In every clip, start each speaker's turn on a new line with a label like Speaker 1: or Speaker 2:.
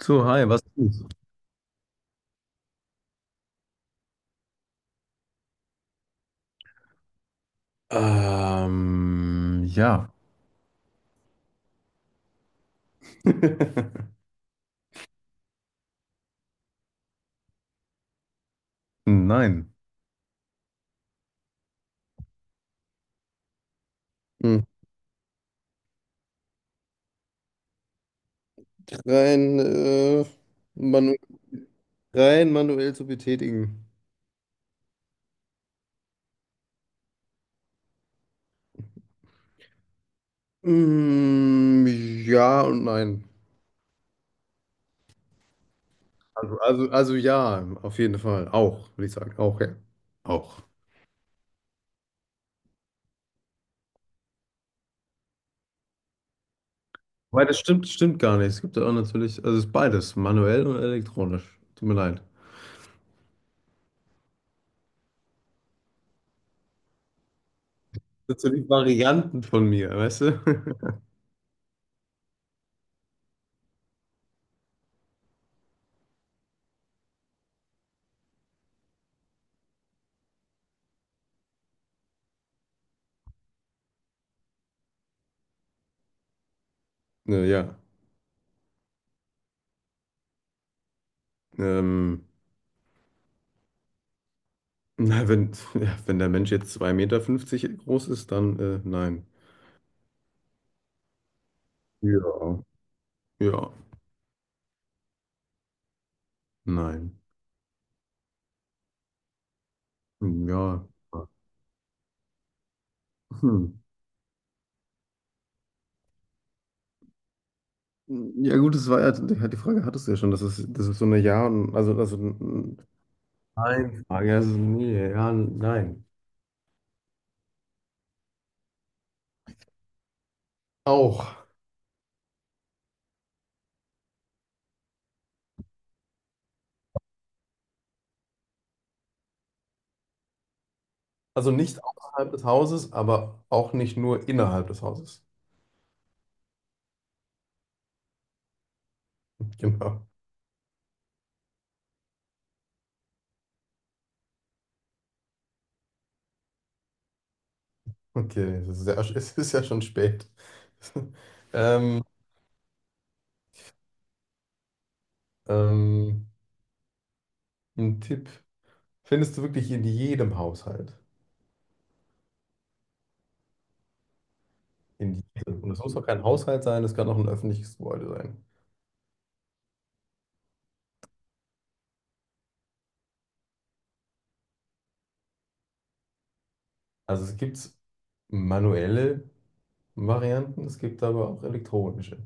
Speaker 1: So, hi, was ist? Ja, nein. Hm. Rein, äh, manu rein manuell zu betätigen. Mm, ja und nein. Also ja, auf jeden Fall. Auch, würde ich sagen. Auch, ja. Auch. Weil das stimmt, stimmt gar nicht. Es gibt ja auch natürlich, also es ist beides, manuell und elektronisch. Tut mir leid. Das sind so die Varianten von mir, weißt du? Ja, ja. Ähm, Na, wenn der Mensch jetzt 2,50 m groß ist, dann nein. Ja. Ja, nein. Hm, ja. Hm. Ja gut, das war ja, die Frage hattest du ja schon, das ist so eine Ja und, also Nein. Frage, also nee, ja, nein. Auch. Also nicht außerhalb des Hauses, aber auch nicht nur innerhalb des Hauses. Genau. Okay, das ist ja, es ist ja schon spät. Ähm, ähm, ein Tipp. Findest du wirklich in jedem Haushalt. In jedem. Und es muss auch kein Haushalt sein, es kann auch ein öffentliches Gebäude sein. Also es gibt manuelle Varianten, es gibt aber auch elektronische.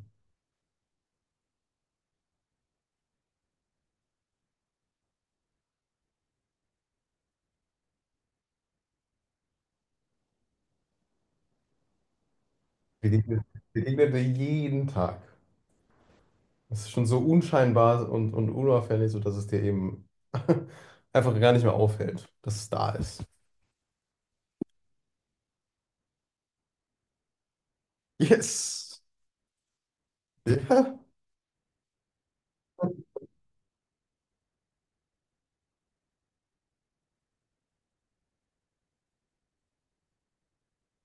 Speaker 1: Begegnet, begegnet dir jeden Tag. Es ist schon so unscheinbar und unauffällig, sodass es dir eben einfach gar nicht mehr auffällt, dass es da ist. Yes! Ja.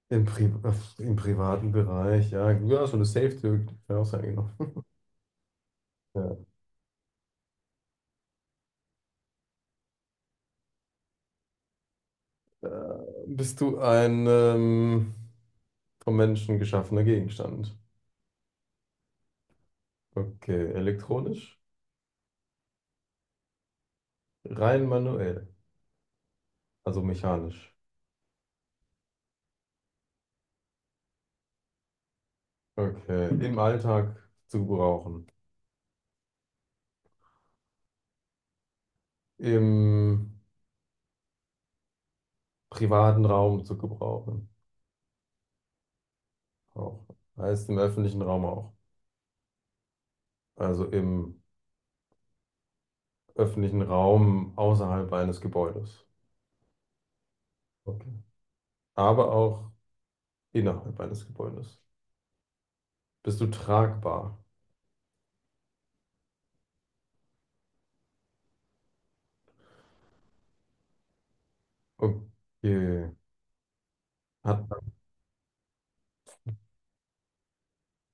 Speaker 1: Im privaten Bereich, ja. Ja, so eine Safe-Tür. Ja, auch sein, genau. Ja. Äh, bist du ein vom Menschen geschaffener Gegenstand? Okay, elektronisch? Rein manuell, also mechanisch. Okay, im Alltag zu gebrauchen. Im privaten Raum zu gebrauchen. Auch. Heißt im öffentlichen Raum auch. Also im öffentlichen Raum außerhalb eines Gebäudes. Okay. Aber auch innerhalb eines Gebäudes. Bist du tragbar? Okay. Hat,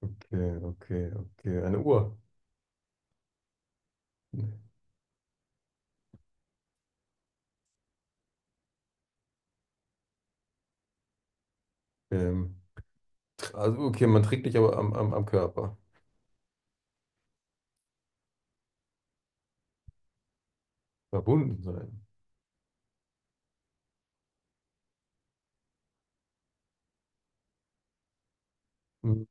Speaker 1: okay, okay, okay. Eine Uhr. Ähm, also, okay, man trägt dich aber am Körper. Verbunden sein. Hm,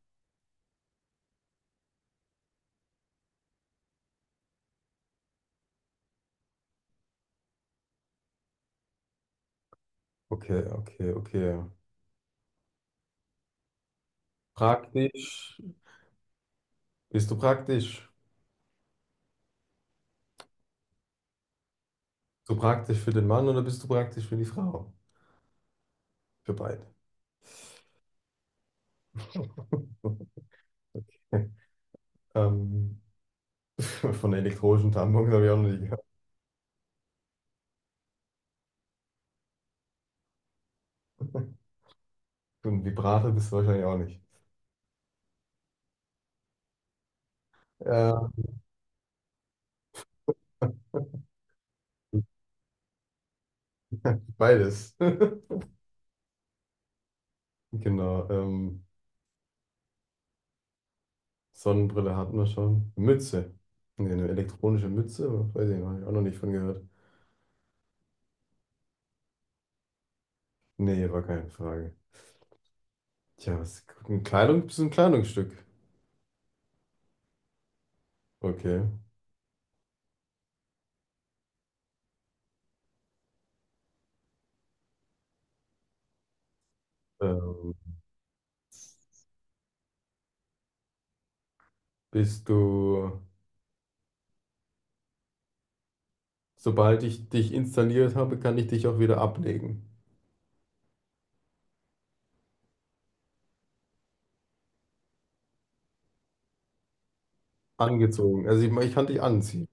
Speaker 1: okay, okay, okay. Praktisch. Bist du praktisch? Bist du praktisch für den Mann oder bist du praktisch für die Frau? Für beide. Ähm, von der elektronischen Tampons habe ich auch noch nie gehabt. Und Vibrator bist du wahrscheinlich auch nicht. Äh, beides. Genau. Sonnenbrille hatten wir schon. Mütze. Nee, eine elektronische Mütze? Weiß ich noch, hab ich auch noch nicht von gehört. Nee, war keine Frage. Tja, was, ein Kleidung, bist du ein Kleidungsstück? Okay. Ähm, bist du, sobald ich dich installiert habe, kann ich dich auch wieder ablegen. Angezogen. Also ich kann dich anziehen.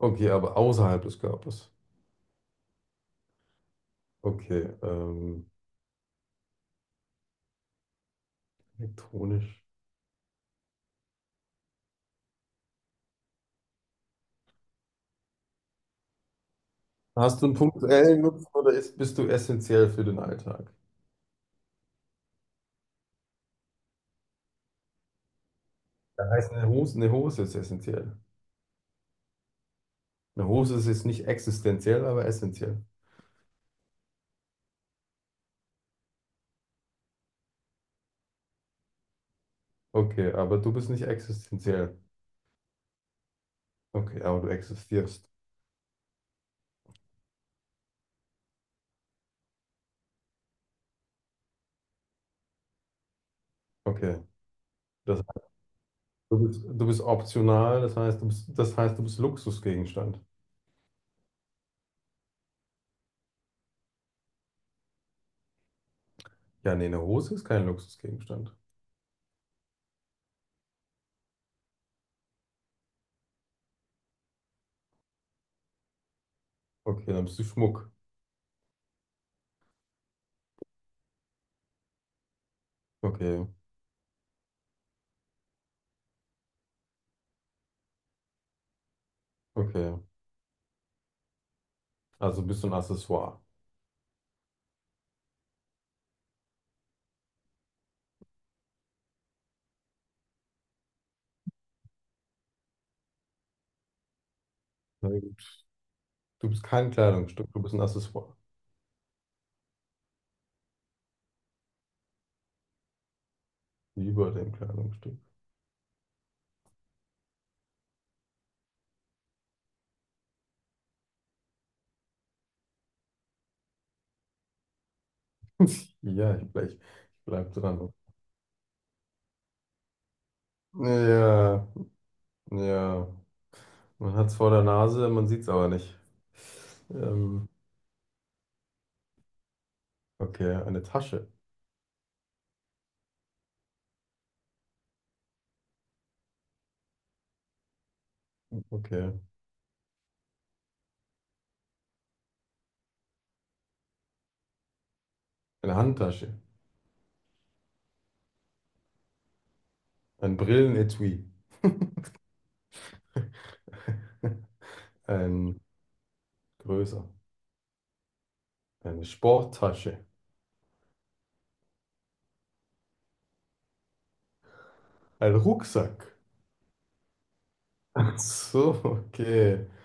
Speaker 1: Okay, aber außerhalb des Körpers. Okay, elektronisch. Hast du einen punktuellen Nutzen oder bist du essentiell für den Alltag? Das heißt, eine Hose ist essentiell. Eine Hose ist jetzt nicht existenziell, aber essentiell. Okay, aber du bist nicht existenziell. Okay, aber du existierst. Okay. Das du bist optional, das heißt, du bist, das heißt, du bist Luxusgegenstand. Ja, nee, eine Hose ist kein Luxusgegenstand. Okay, dann bist du Schmuck. Okay, okay. Also bist du ein Accessoire. Na gut. Du bist kein Kleidungsstück, du bist ein Accessoire. Über dem Kleidungsstück. Ja, ich bleib dran. Ja, ja. Man hat es vor der Nase, man sieht es aber nicht. Ähm, okay, eine Tasche. Okay. Eine Handtasche. Ein Brillenetui. Ein größer. Eine Sporttasche. Ein Rucksack. Ach so, okay.